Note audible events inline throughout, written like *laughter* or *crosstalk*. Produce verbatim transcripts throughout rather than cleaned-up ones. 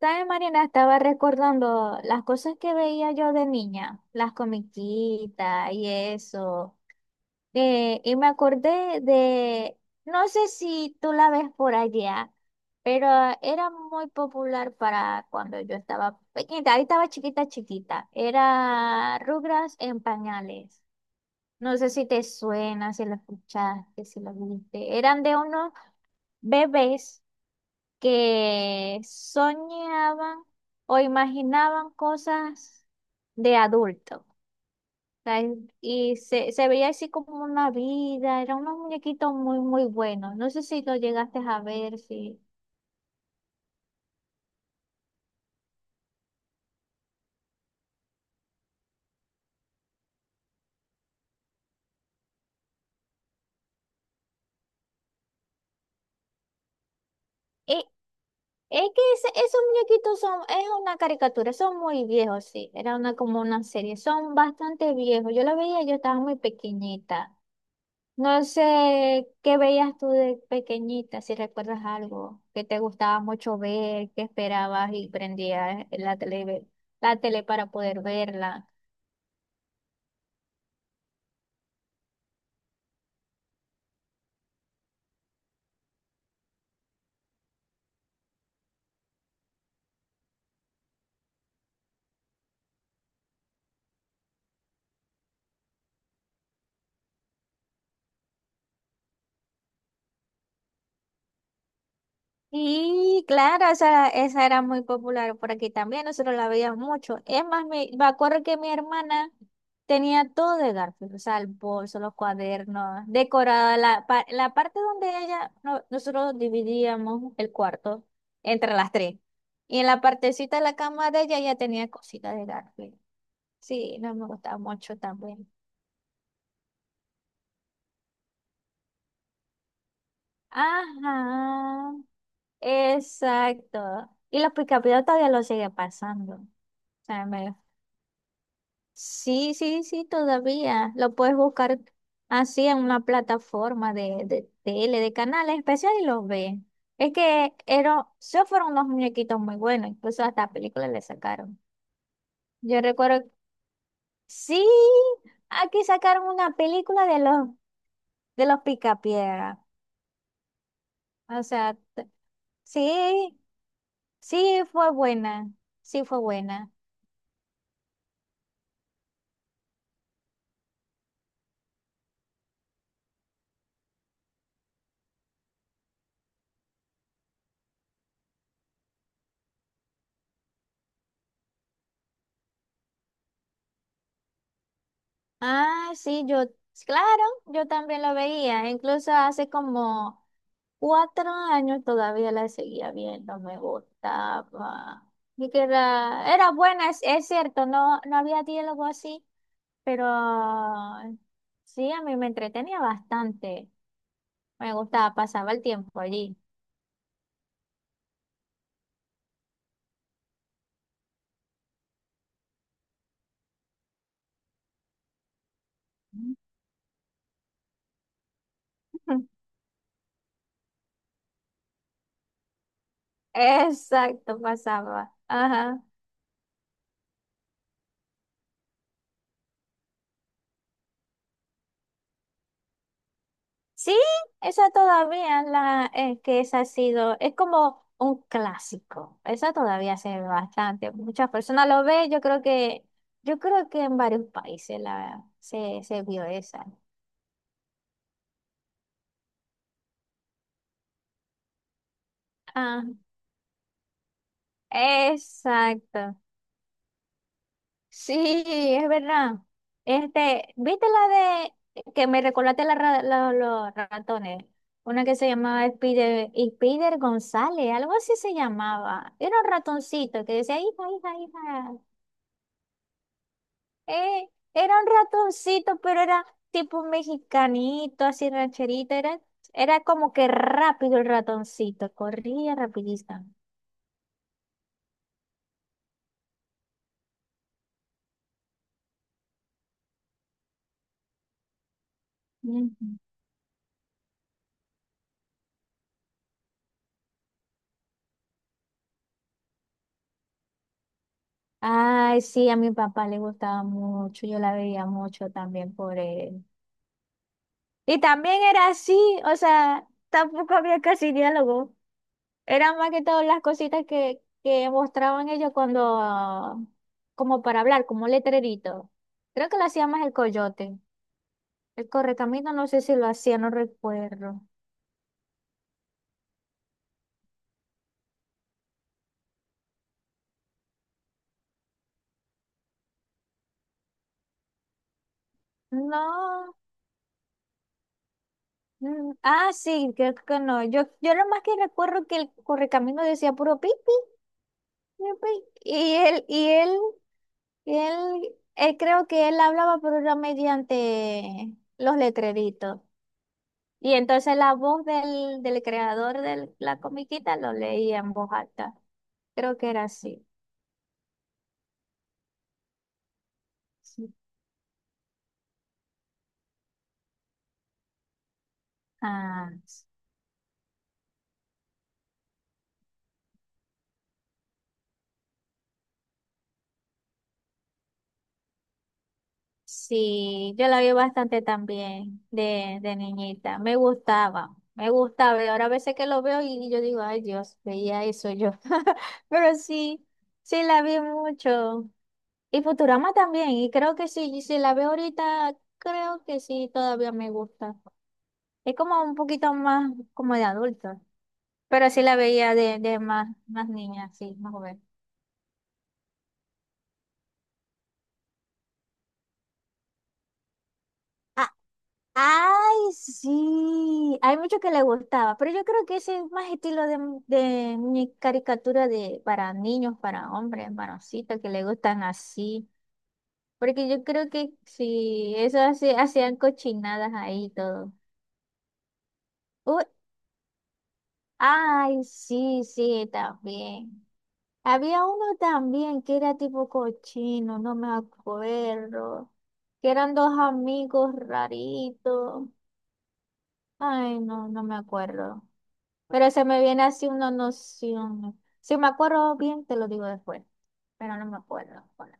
¿Sabes, Marina? Estaba recordando las cosas que veía yo de niña, las comiquitas y eso. Eh, y me acordé de, no sé si tú la ves por allá, pero era muy popular para cuando yo estaba pequeñita. Ahí estaba chiquita, chiquita. Era Rugras en pañales. No sé si te suena, si lo escuchaste, si lo viste. Eran de unos bebés que soñaban o imaginaban cosas de adulto. O sea, en- Y se, se veía así como una vida, eran unos muñequitos muy, muy buenos. No sé si lo llegaste a ver, sí. Y es que ese- esos muñequitos son, es una caricatura, son muy viejos, sí. Era una, como una serie, son bastante viejos. Yo la veía, yo estaba muy pequeñita. No sé qué veías tú de pequeñita, si recuerdas algo que te gustaba mucho ver, que esperabas y prendías la tele, la tele para poder verla. Y claro, esa, esa era muy popular por aquí también, nosotros la veíamos mucho. Es más, me, me acuerdo que mi hermana tenía todo de Garfield, o sea, el bolso, los cuadernos, decorada la, pa- la parte donde ella, no- nosotros dividíamos el cuarto entre las tres. Y en la partecita de la cama de ella ya tenía cositas de Garfield. Sí, no me gustaba mucho también. Ajá, exacto. Y los picapiedras todavía lo sigue pasando. O sea, me- sí, sí, sí, todavía. Lo puedes buscar así en una plataforma de, de tele, de canales especiales y los ves. Es que eran, esos fueron unos muñequitos muy buenos, incluso hasta películas le sacaron. Yo recuerdo, sí, aquí sacaron una película de los, de los Picapiedra. O sea, t- sí, sí fue buena, sí fue buena. Ah, sí, yo, claro, yo también lo veía, incluso hace como cuatro años todavía la seguía viendo, me gustaba. Y que era, era buena, es, es cierto, no, no había diálogo así, pero sí, a mí me entretenía bastante. Me gustaba, pasaba el tiempo allí. *laughs* Exacto, pasaba. Ajá. Sí, esa todavía la eh, que esa ha sido, es como un clásico. Esa todavía se ve bastante. Muchas personas lo ven, yo creo que, yo creo que en varios países la se, se vio esa. Ah, exacto. Sí, es verdad. Este, ¿viste la de que me recordaste la ra- la- los ratones? Una que se llamaba Spider, Spider González, algo así se llamaba. Era un ratoncito que decía, hija, hija, hija. Eh, era un ratoncito, pero era tipo un mexicanito, así rancherito. Era, era como que rápido el ratoncito, corría rapidito. Ujú. Ay, sí, a mi papá le gustaba mucho, yo la veía mucho también por él. Y también era así, o sea, tampoco había casi diálogo. Eran más que todas las cositas que, que mostraban ellos cuando, como para hablar, como letrerito. Creo que lo hacía más el coyote. El correcamino, no sé si lo hacía, no recuerdo. No. mm, Ah, sí, creo que no. Yo, yo lo más que recuerdo que el correcamino decía puro pipi, Y él, y él, y él, él creo que él hablaba, pero era mediante los letreritos. Y entonces la voz del, del creador de la comiquita lo leía en voz alta. Creo que era así. Sí. Ah, sí, yo la vi bastante también de, de niñita. Me gustaba, me gustaba. Y ahora a veces que lo veo y yo digo, ay Dios, veía eso yo. *laughs* Pero sí, sí la vi mucho. Y Futurama también. Y creo que sí, y si la veo ahorita, creo que sí, todavía me gusta. Es como un poquito más como de adulto. Pero sí la veía de, de más, más niña, sí, más joven. Ay, sí, hay mucho que le gustaba, pero yo creo que ese es más estilo de, de muñe- caricatura de para niños, para hombres, varoncitos que le gustan así, porque yo creo que sí, eso hace- hacían cochinadas ahí y todo. Uy, ay, sí, sí, también. Había uno también que era tipo cochino, no me acuerdo, que eran dos amigos raritos. Ay, no, no me acuerdo. Pero se me viene así una noción. Si me acuerdo bien, te lo digo después, pero no me acuerdo ahora.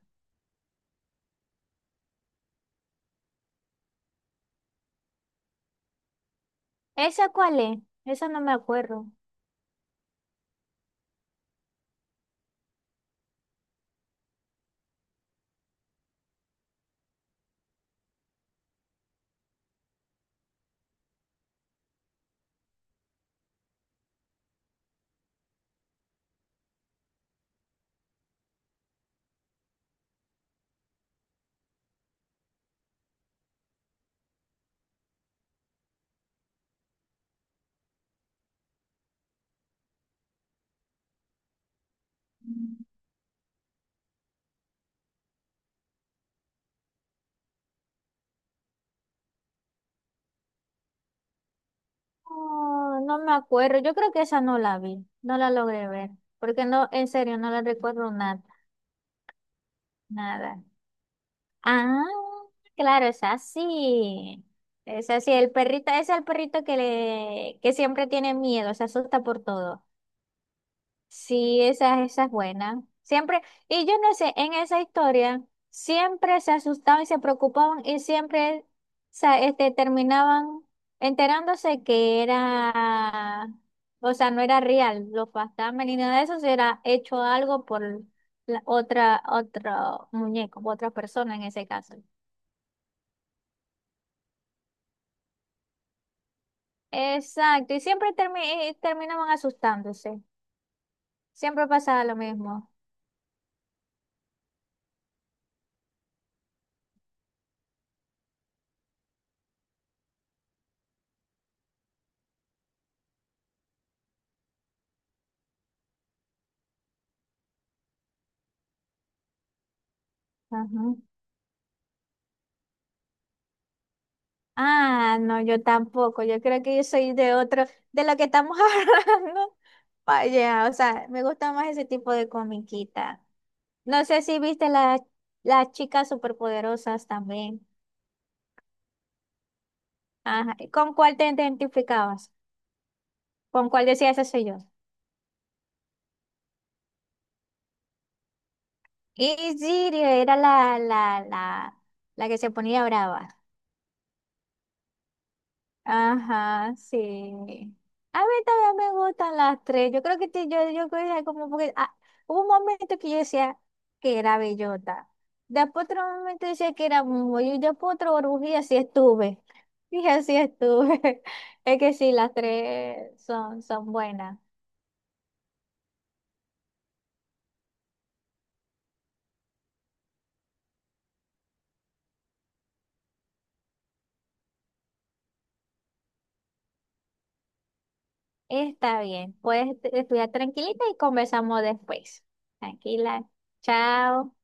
¿Esa cuál es? Esa no me acuerdo. Oh, no me acuerdo. Yo creo que esa no la vi, no la logré ver, porque no, en serio, no la recuerdo nada, nada. Ah, claro, es así. Es así, el perrito, es el perrito que le, que siempre tiene miedo, se asusta por todo. Sí, esa, esa es buena. Siempre, y yo no sé, en esa historia siempre se asustaban y se preocupaban y siempre sa- este, terminaban enterándose que era, o sea, no era real, los fantasmas ni nada de eso, se era hecho algo por la otra, otro muñeco, otra persona en ese caso. Exacto, y siempre termi- eh, terminaban asustándose. Siempre pasaba lo mismo. Ajá. Ah, no, yo tampoco. Yo creo que yo soy de otro, de lo que estamos *laughs* hablando. Vaya, o sea, me gusta más ese tipo de comiquita. No sé si viste las las chicas superpoderosas también. Ajá. ¿Y con cuál te identificabas? ¿Con cuál decías eso soy yo? Y Siri era la, la, la, la que se ponía brava. Ajá, sí. A mí también me gustan las tres. Yo creo que te- yo, yo creo que como porque ah, hubo un momento que yo decía que era bellota. Después otro momento decía que era Momo. Y después otro oruji y así estuve. *laughs* Y así estuve. *laughs* Es que sí, las tres son, son buenas. Está bien. Puedes estudiar tranquilita y conversamos después. Tranquila. Chao.